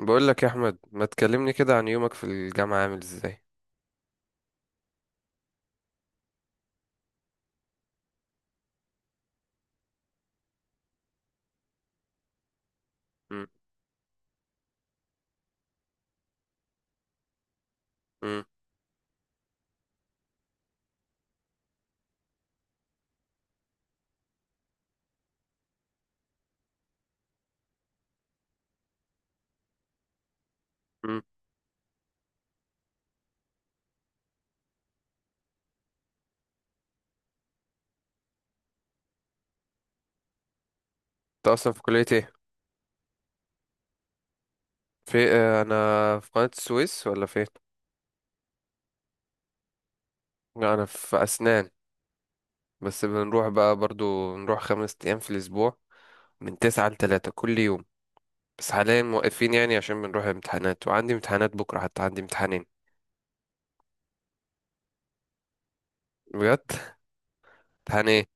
بقول لك يا احمد، ما تكلمني كده عن يومك في الجامعه عامل ازاي؟ مم. مم. مم. انت اصلا في كليه ايه؟ في آه، انا في قناه السويس ولا فين؟ لا، انا في اسنان. بس بنروح بقى برضو نروح 5 ايام في الاسبوع، من 9 لـ3 كل يوم. بس حاليا موقفين، يعني عشان بنروح امتحانات، وعندي امتحانات بكره، حتى عندي امتحانين. بجد؟ امتحان ايه؟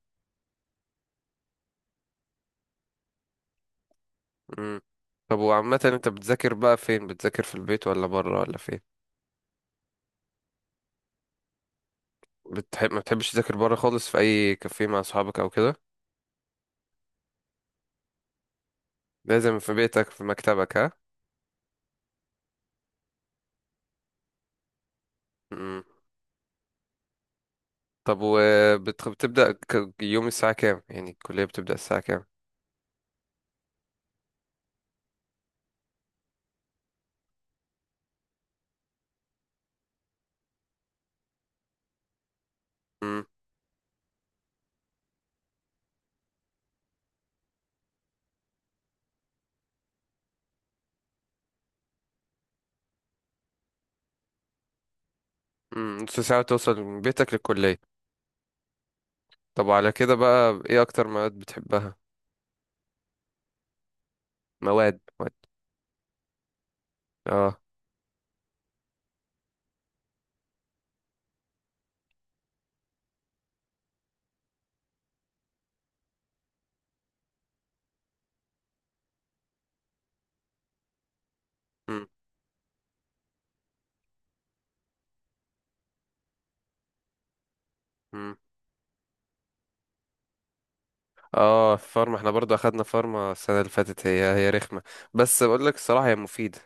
مم. طب وعامه انت بتذاكر بقى فين؟ بتذاكر في البيت ولا بره ولا فين؟ ما بتحبش تذاكر بره خالص في اي كافيه مع اصحابك او كده؟ لازم في بيتك في مكتبك، ها؟ مم. طب وبتبدأ يوم الساعة كام؟ يعني الكلية بتبدأ الساعة كام؟ مم. مم. نص ساعة توصل من بيتك للكلية؟ طب وعلى كده بقى، ايه أكتر مواد بتحبها؟ مواد مواد. اه. مم. مم. اه، فارما احنا برضو أخدنا فارما السنة اللي فاتت، هي رخمة. بس بقول لك الصراحة هي مفيدة.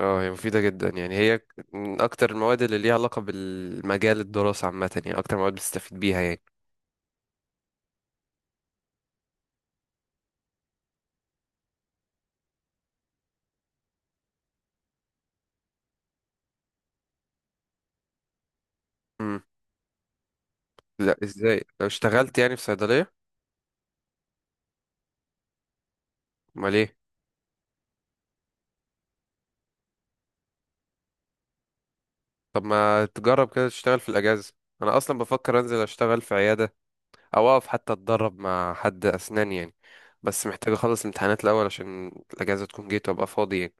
اه، هي مفيدة جدا، يعني هي من أكتر المواد اللي ليها علاقة بالمجال الدراسة عامة، يعني أكتر مواد بتستفيد بيها يعني. مم. لا، ازاي؟ لو اشتغلت يعني في صيدلية؟ امال ايه؟ طب ما تجرب كده تشتغل في الاجازه؟ انا اصلا بفكر انزل اشتغل في عياده، او اقف حتى اتدرب مع حد اسنان يعني. بس محتاج اخلص الامتحانات الاول، عشان الاجازه تكون جيت وابقى فاضي يعني.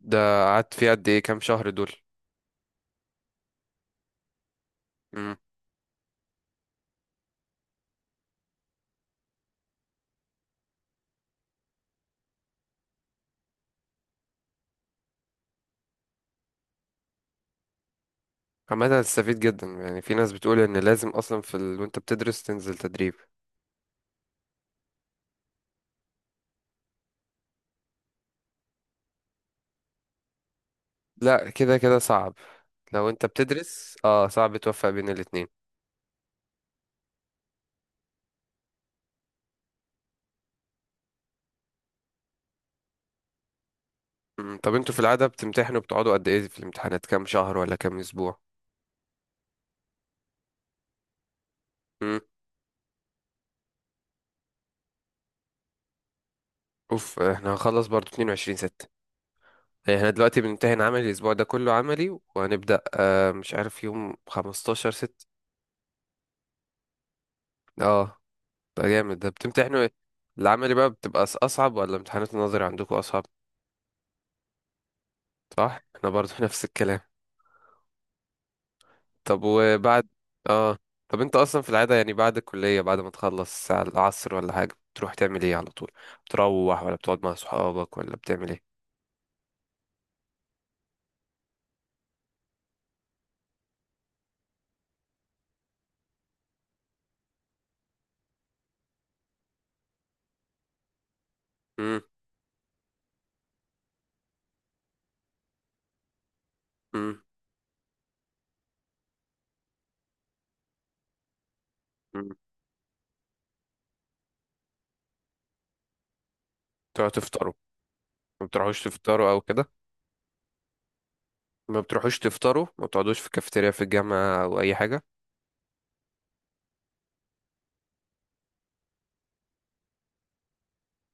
ده، قعدت فيه قد ايه؟ كام شهر دول؟ امم. عامه هتستفيد جدا، يعني في ناس بتقول ان لازم اصلا وانت بتدرس تنزل تدريب. لا، كده كده صعب. لو انت بتدرس صعب توفق بين الاتنين. مم. طب انتوا في العاده بتمتحنوا، بتقعدوا قد ايه في الامتحانات؟ كام شهر ولا كام اسبوع؟ اوف، احنا هنخلص برضو 22/6. احنا دلوقتي بنمتحن عملي، الاسبوع ده كله عملي، وهنبدأ مش عارف يوم 15/6. اه، ده جامد ده، بتمتحنوا ايه؟ العملي بقى بتبقى اصعب ولا امتحانات النظري عندكم اصعب؟ صح، احنا برضو نفس الكلام. طب وبعد. اه. طب انت اصلا في العادة يعني بعد الكلية، بعد ما تخلص على العصر ولا حاجة بتروح تعمل ايه على طول؟ بتروح ولا بتقعد مع صحابك ولا بتعمل ايه؟ امم. امم. تقعدوا تفطروا؟ ما بتروحوش تفطروا او كده؟ ما بتروحوش تفطروا، ما بتقعدوش في كافيتيريا في الجامعة أو أي حاجة؟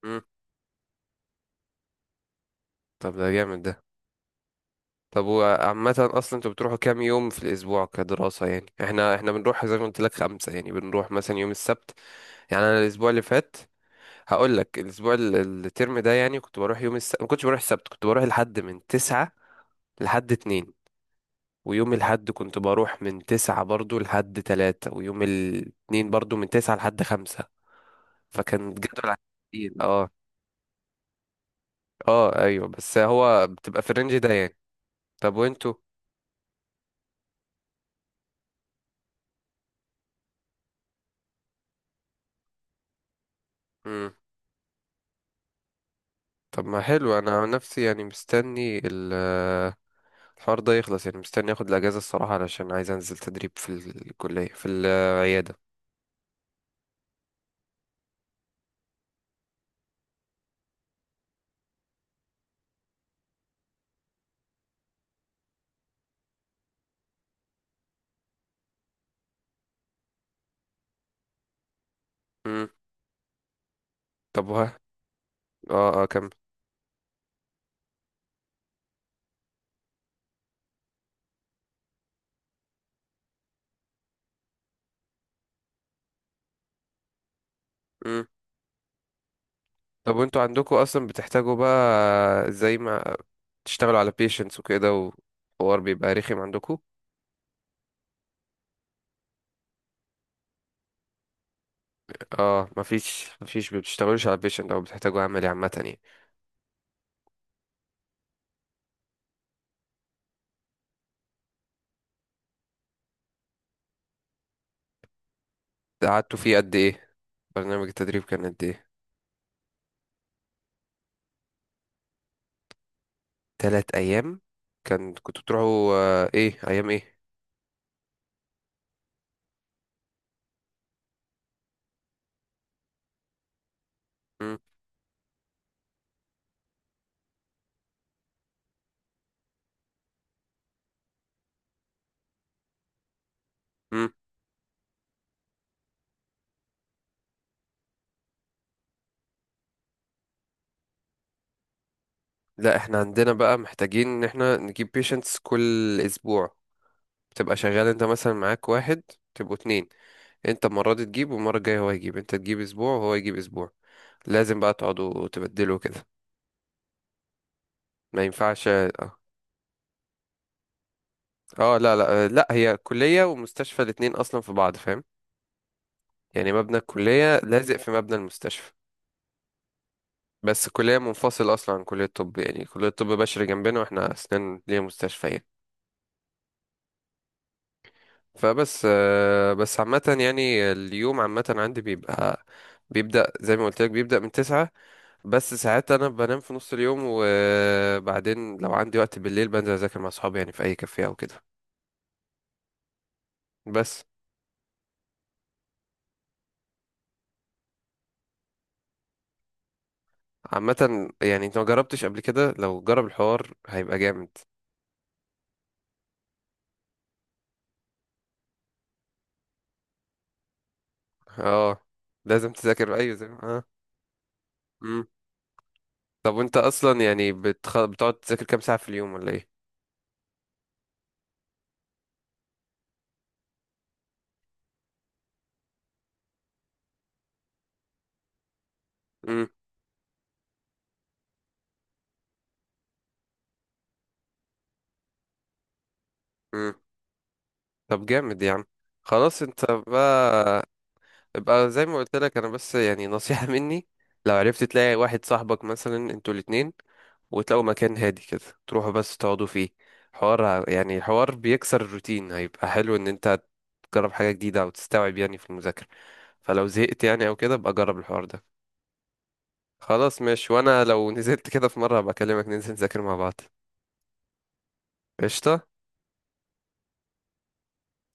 مم. طب ده جامد ده. طب وعامة أصلا أنتوا بتروحوا كام يوم في الأسبوع كدراسة؟ يعني احنا بنروح زي ما قلت لك خمسة، يعني بنروح مثلا يوم السبت. يعني أنا الأسبوع اللي فات، هقول لك الأسبوع الترم ده يعني، كنت بروح يوم السبت، ما كنتش بروح السبت، كنت بروح لحد من 9 لحد 2، ويوم الحد كنت بروح من 9 برضو لحد 3، ويوم الاتنين برضو من 9 لحد 5. فكان جدول عندي تقيل. اه. اه ايوه، بس هو بتبقى في الرينج ده يعني. طب وانتوا. مم. طب ما حلو، انا عن نفسي يعني مستني الحوار ده يخلص، يعني مستني اخد الاجازه الصراحه علشان عايز انزل تدريب في الكليه في العياده. مم. طب وها. اه اه، كمل. مم. طب وانتوا عندكم اصلا بتحتاجوا بقى، زي ما تشتغلوا على patients وكده، وحوار بيبقى رخم عندكم؟ اه، مفيش بتشتغلوش على patient او بتحتاجوا عملي عامه يعني؟ قعدتوا فيه قد ايه؟ برنامج التدريب كان قد ايه؟ 3 أيام. كان كنتوا بتروحوا إيه أيام إيه؟ مم. مم. لا، إحنا عندنا بقى محتاجين إن إحنا نجيب patients كل أسبوع. بتبقى شغال، أنت مثلا معاك واحد، تبقوا اتنين، أنت المرة دي تجيب والمرة الجاية هو يجيب، أنت تجيب أسبوع وهو يجيب أسبوع. لازم بقى تقعدوا تبدلوا كده، ما ينفعش. اه. لا لا، لا، هي كلية ومستشفى الاتنين أصلا في بعض، فاهم؟ يعني مبنى الكلية لازق في مبنى المستشفى. بس كلية منفصلة أصلا عن كلية الطب، يعني كلية الطب بشري جنبنا، وإحنا أسنان ليها مستشفيات. فبس آه، بس عامة يعني اليوم عامة عندي بيبقى، بيبدأ زي ما قلت لك بيبدأ من تسعة. بس ساعات أنا بنام في نص اليوم، وبعدين لو عندي وقت بالليل بنزل أذاكر مع صحابي يعني في أي كافيه أو كده. بس. عامة يعني أنت ما جربتش قبل كده، لو جرب الحوار هيبقى جامد. اه. لازم تذاكر، أيوة زي ما اه. مم. طب وأنت أصلا يعني بتقعد تذاكر كام ساعة في اليوم ولا إيه؟ مم. مم. طب جامد يا عم. خلاص انت بقى، ابقى زي ما قلت لك، انا بس يعني نصيحة مني. لو عرفت تلاقي واحد صاحبك مثلا، انتوا الاتنين، وتلاقوا مكان هادي كده، تروحوا بس تقعدوا فيه. يعني الحوار بيكسر الروتين، هيبقى حلو ان انت تجرب حاجة جديدة او تستوعب يعني في المذاكرة. فلو زهقت يعني او كده، ابقى جرب الحوار ده. خلاص ماشي، وانا لو نزلت كده في مرة هبقى اكلمك، ننزل نذاكر مع بعض. قشطة.